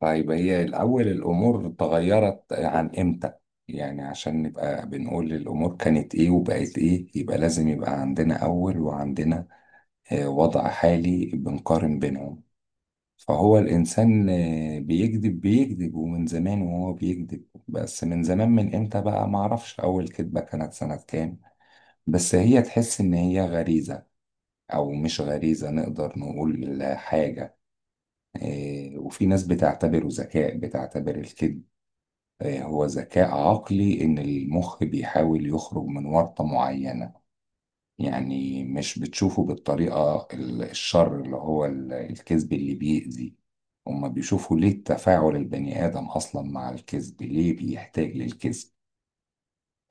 طيب، هي الأول الأمور اتغيرت عن إمتى؟ يعني عشان نبقى بنقول الأمور كانت إيه وبقت إيه، يبقى لازم يبقى عندنا أول وعندنا وضع حالي بنقارن بينهم. فهو الإنسان بيكذب بيكذب، ومن زمان وهو بيكذب، بس من زمان من إمتى بقى معرفش أول كذبة كانت سنة كام. بس هي تحس إن هي غريزة، أو مش غريزة نقدر نقول حاجة. وفي ناس بتعتبره ذكاء، بتعتبر الكذب هو ذكاء عقلي، إن المخ بيحاول يخرج من ورطة معينة. يعني مش بتشوفه بالطريقة الشر، اللي هو الكذب اللي بيأذي. هما بيشوفوا ليه تفاعل البني آدم أصلا مع الكذب، ليه بيحتاج للكذب،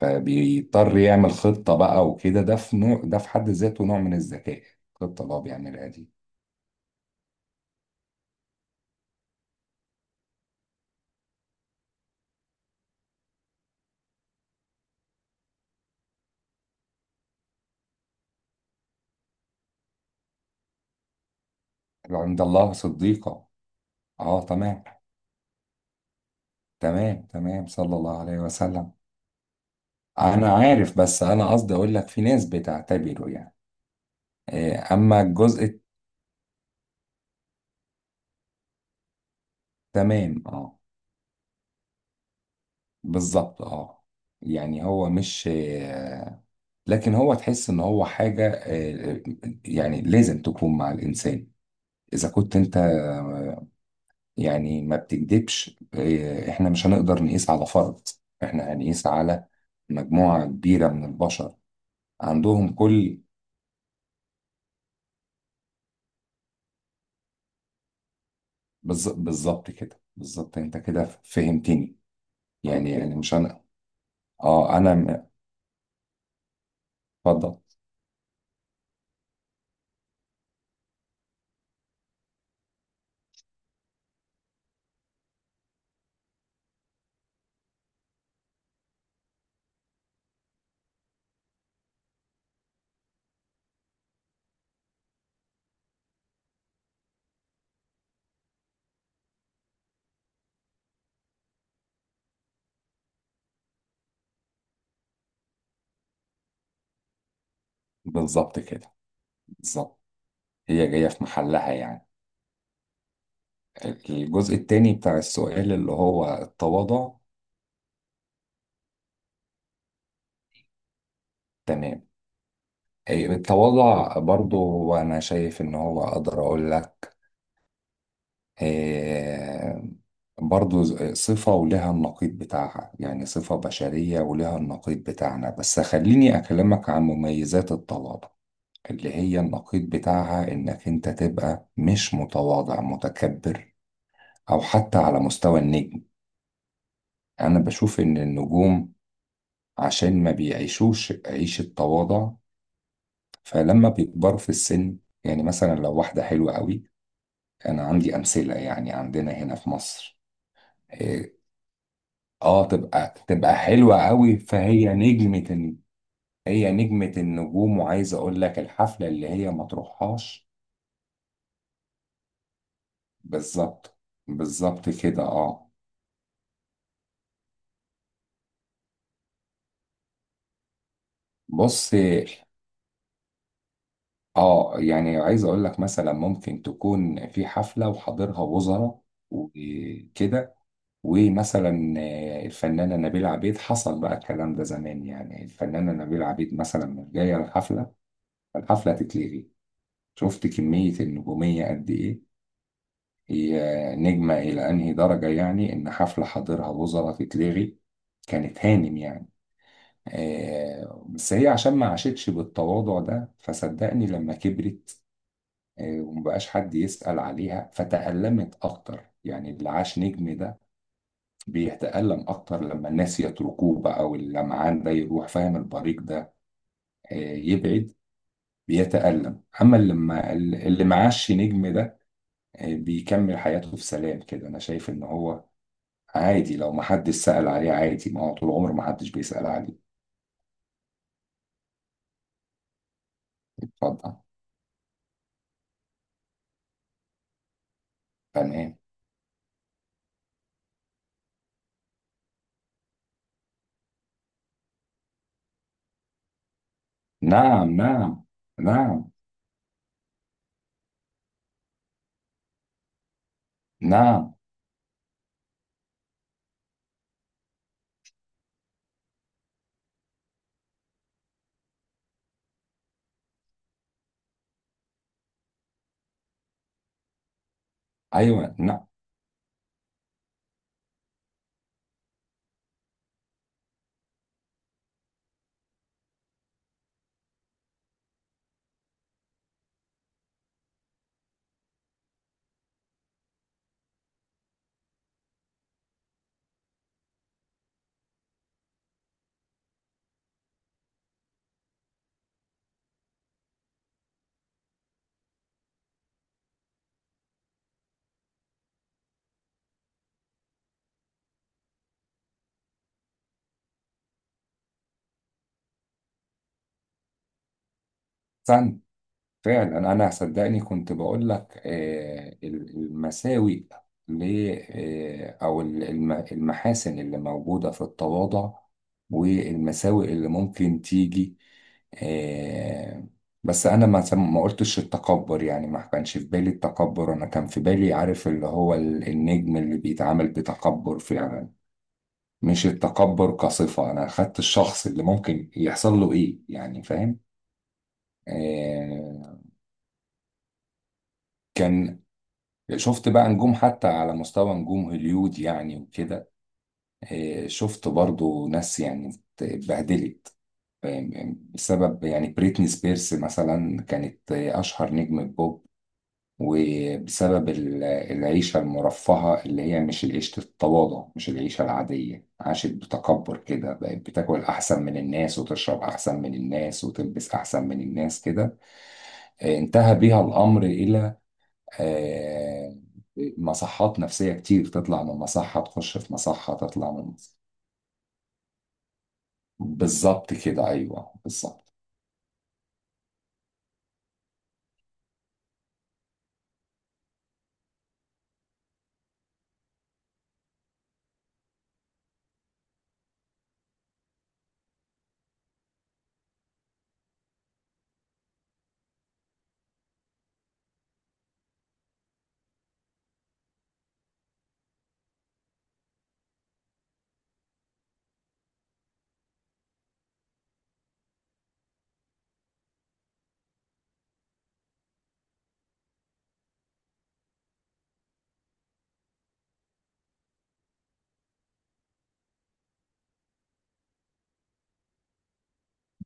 فبيضطر يعمل خطة بقى وكده. ده في نوع، ده في حد ذاته نوع من الذكاء، الخطة اللي هو بيعملها دي. عند الله صديقة. اه تمام. تمام تمام، صلى الله عليه وسلم. انا عارف، بس انا قصدي اقول لك في ناس بتعتبره يعني اما الجزء. التمام اه. بالظبط اه. يعني هو مش لكن هو تحس ان هو حاجة يعني لازم تكون مع الانسان اذا كنت انت، يعني ما بتكدبش. احنا مش هنقدر نقيس على فرد، احنا هنقيس على مجموعة كبيرة من البشر عندهم كل. بالظبط كده، بالظبط انت كده فهمتني. يعني مش انا. اه انا. اتفضل. بالظبط كده بالظبط. هي جاية في محلها يعني. الجزء التاني بتاع السؤال اللي هو التواضع. تمام. إيه، التواضع برضو أنا شايف إن هو أقدر أقول لك. إيه، برضو صفة ولها النقيض بتاعها، يعني صفة بشرية ولها النقيض بتاعنا، بس خليني أكلمك عن مميزات التواضع اللي هي النقيض بتاعها، إنك أنت تبقى مش متواضع، متكبر، أو حتى على مستوى النجم. أنا بشوف إن النجوم عشان ما بيعيشوش عيشة تواضع، فلما بيكبروا في السن، يعني مثلا لو واحدة حلوة قوي، أنا عندي أمثلة يعني عندنا هنا في مصر. إيه، آه تبقى تبقى حلوة قوي فهي نجمة. هي نجمة النجوم، وعايز أقول لك الحفلة اللي هي ما تروحهاش. بالظبط. بالظبط كده آه. بص. يعني عايز أقول لك مثلا ممكن تكون في حفلة وحاضرها وزراء وكده، ومثلا الفنانة نبيلة عبيد، حصل بقى الكلام ده زمان، يعني الفنانة نبيلة عبيد مثلا مش جاية الحفلة تتلغي. شفت كمية النجومية قد إيه، هي نجمة إلى أنهي درجة، يعني إن حفلة حاضرها وزراء تتلغي. كانت هانم يعني. بس هي عشان ما عاشتش بالتواضع ده فصدقني لما كبرت، ومبقاش حد يسأل عليها فتألمت أكتر. يعني اللي عاش نجم ده بيتألم أكتر لما الناس يتركوه بقى، واللمعان ده يروح، فاهم، البريق ده يبعد، بيتألم، أما اللي ما اللي معاش نجم ده بيكمل حياته في سلام كده. أنا شايف إن هو عادي لو محدش سأل عليه عادي، ما هو طول عمره محدش بيسأل عليه. اتفضل. تمام. نعم نعم نعم نعم. أيوه نعم. استنى، فعلا انا صدقني كنت بقول لك المساوئ ل او المحاسن اللي موجوده في التواضع، والمساوئ اللي ممكن تيجي آه، بس انا ما ما قلتش التكبر، يعني ما كانش في بالي التكبر، انا كان في بالي عارف اللي هو النجم اللي بيتعامل بتكبر فعلا، مش التكبر كصفه. انا خدت الشخص اللي ممكن يحصل له ايه، يعني فاهم. آه، كان شفت بقى نجوم حتى على مستوى نجوم هوليود يعني وكده. شفت برضو ناس يعني اتبهدلت، فاهم؟ يعني بسبب، يعني بريتني سبيرس مثلا كانت أشهر نجم بوب، وبسبب العيشة المرفهة اللي هي مش العيشة التواضع، مش العيشة العادية، عاشت بتكبر كده، بقت بتاكل أحسن من الناس وتشرب أحسن من الناس وتلبس أحسن من الناس كده. انتهى بيها الأمر إلى آه، مصحات نفسية كتير، تطلع من مصحة تخش في مصحة تطلع من مصحة. بالظبط كده أيوه بالظبط.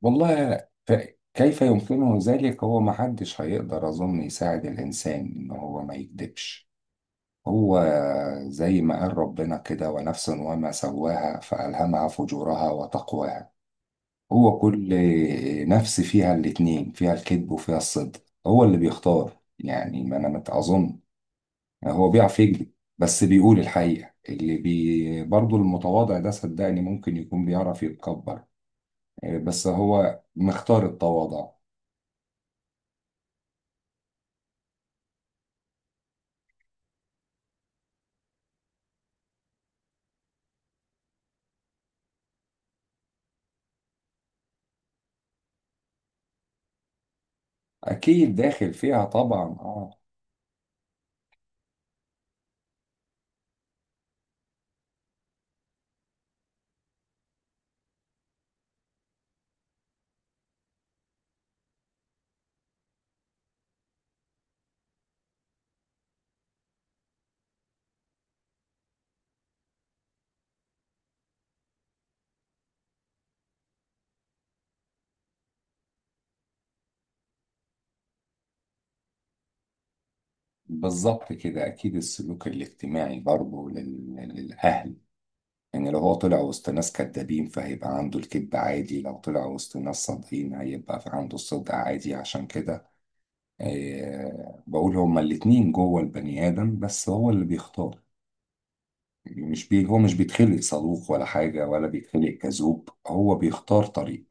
والله كيف يمكنه ذلك، هو ما حدش هيقدر أظن يساعد الإنسان إن هو ما يكذبش. هو زي ما قال ربنا كده، ونفس وما سواها فألهمها فجورها وتقواها. هو كل نفس فيها الاتنين، فيها الكذب وفيها الصدق، هو اللي بيختار. يعني ما أنا متأظن، هو بيعرف يكذب بس بيقول الحقيقة، اللي برضه المتواضع ده صدقني ممكن يكون بيعرف يتكبر، بس هو مختار التواضع. أكيد داخل فيها طبعا اه. بالظبط كده، أكيد السلوك الاجتماعي برضه للأهل، يعني لو هو طلع وسط ناس كدابين فهيبقى عنده الكذب عادي، لو طلع وسط ناس صادقين هيبقى في عنده الصدق عادي. عشان كده بقول هما الاتنين جوه البني آدم، بس هو اللي بيختار. يعني مش هو مش بيتخلق صاروخ ولا حاجة، ولا بيتخلق كذوب، هو بيختار طريق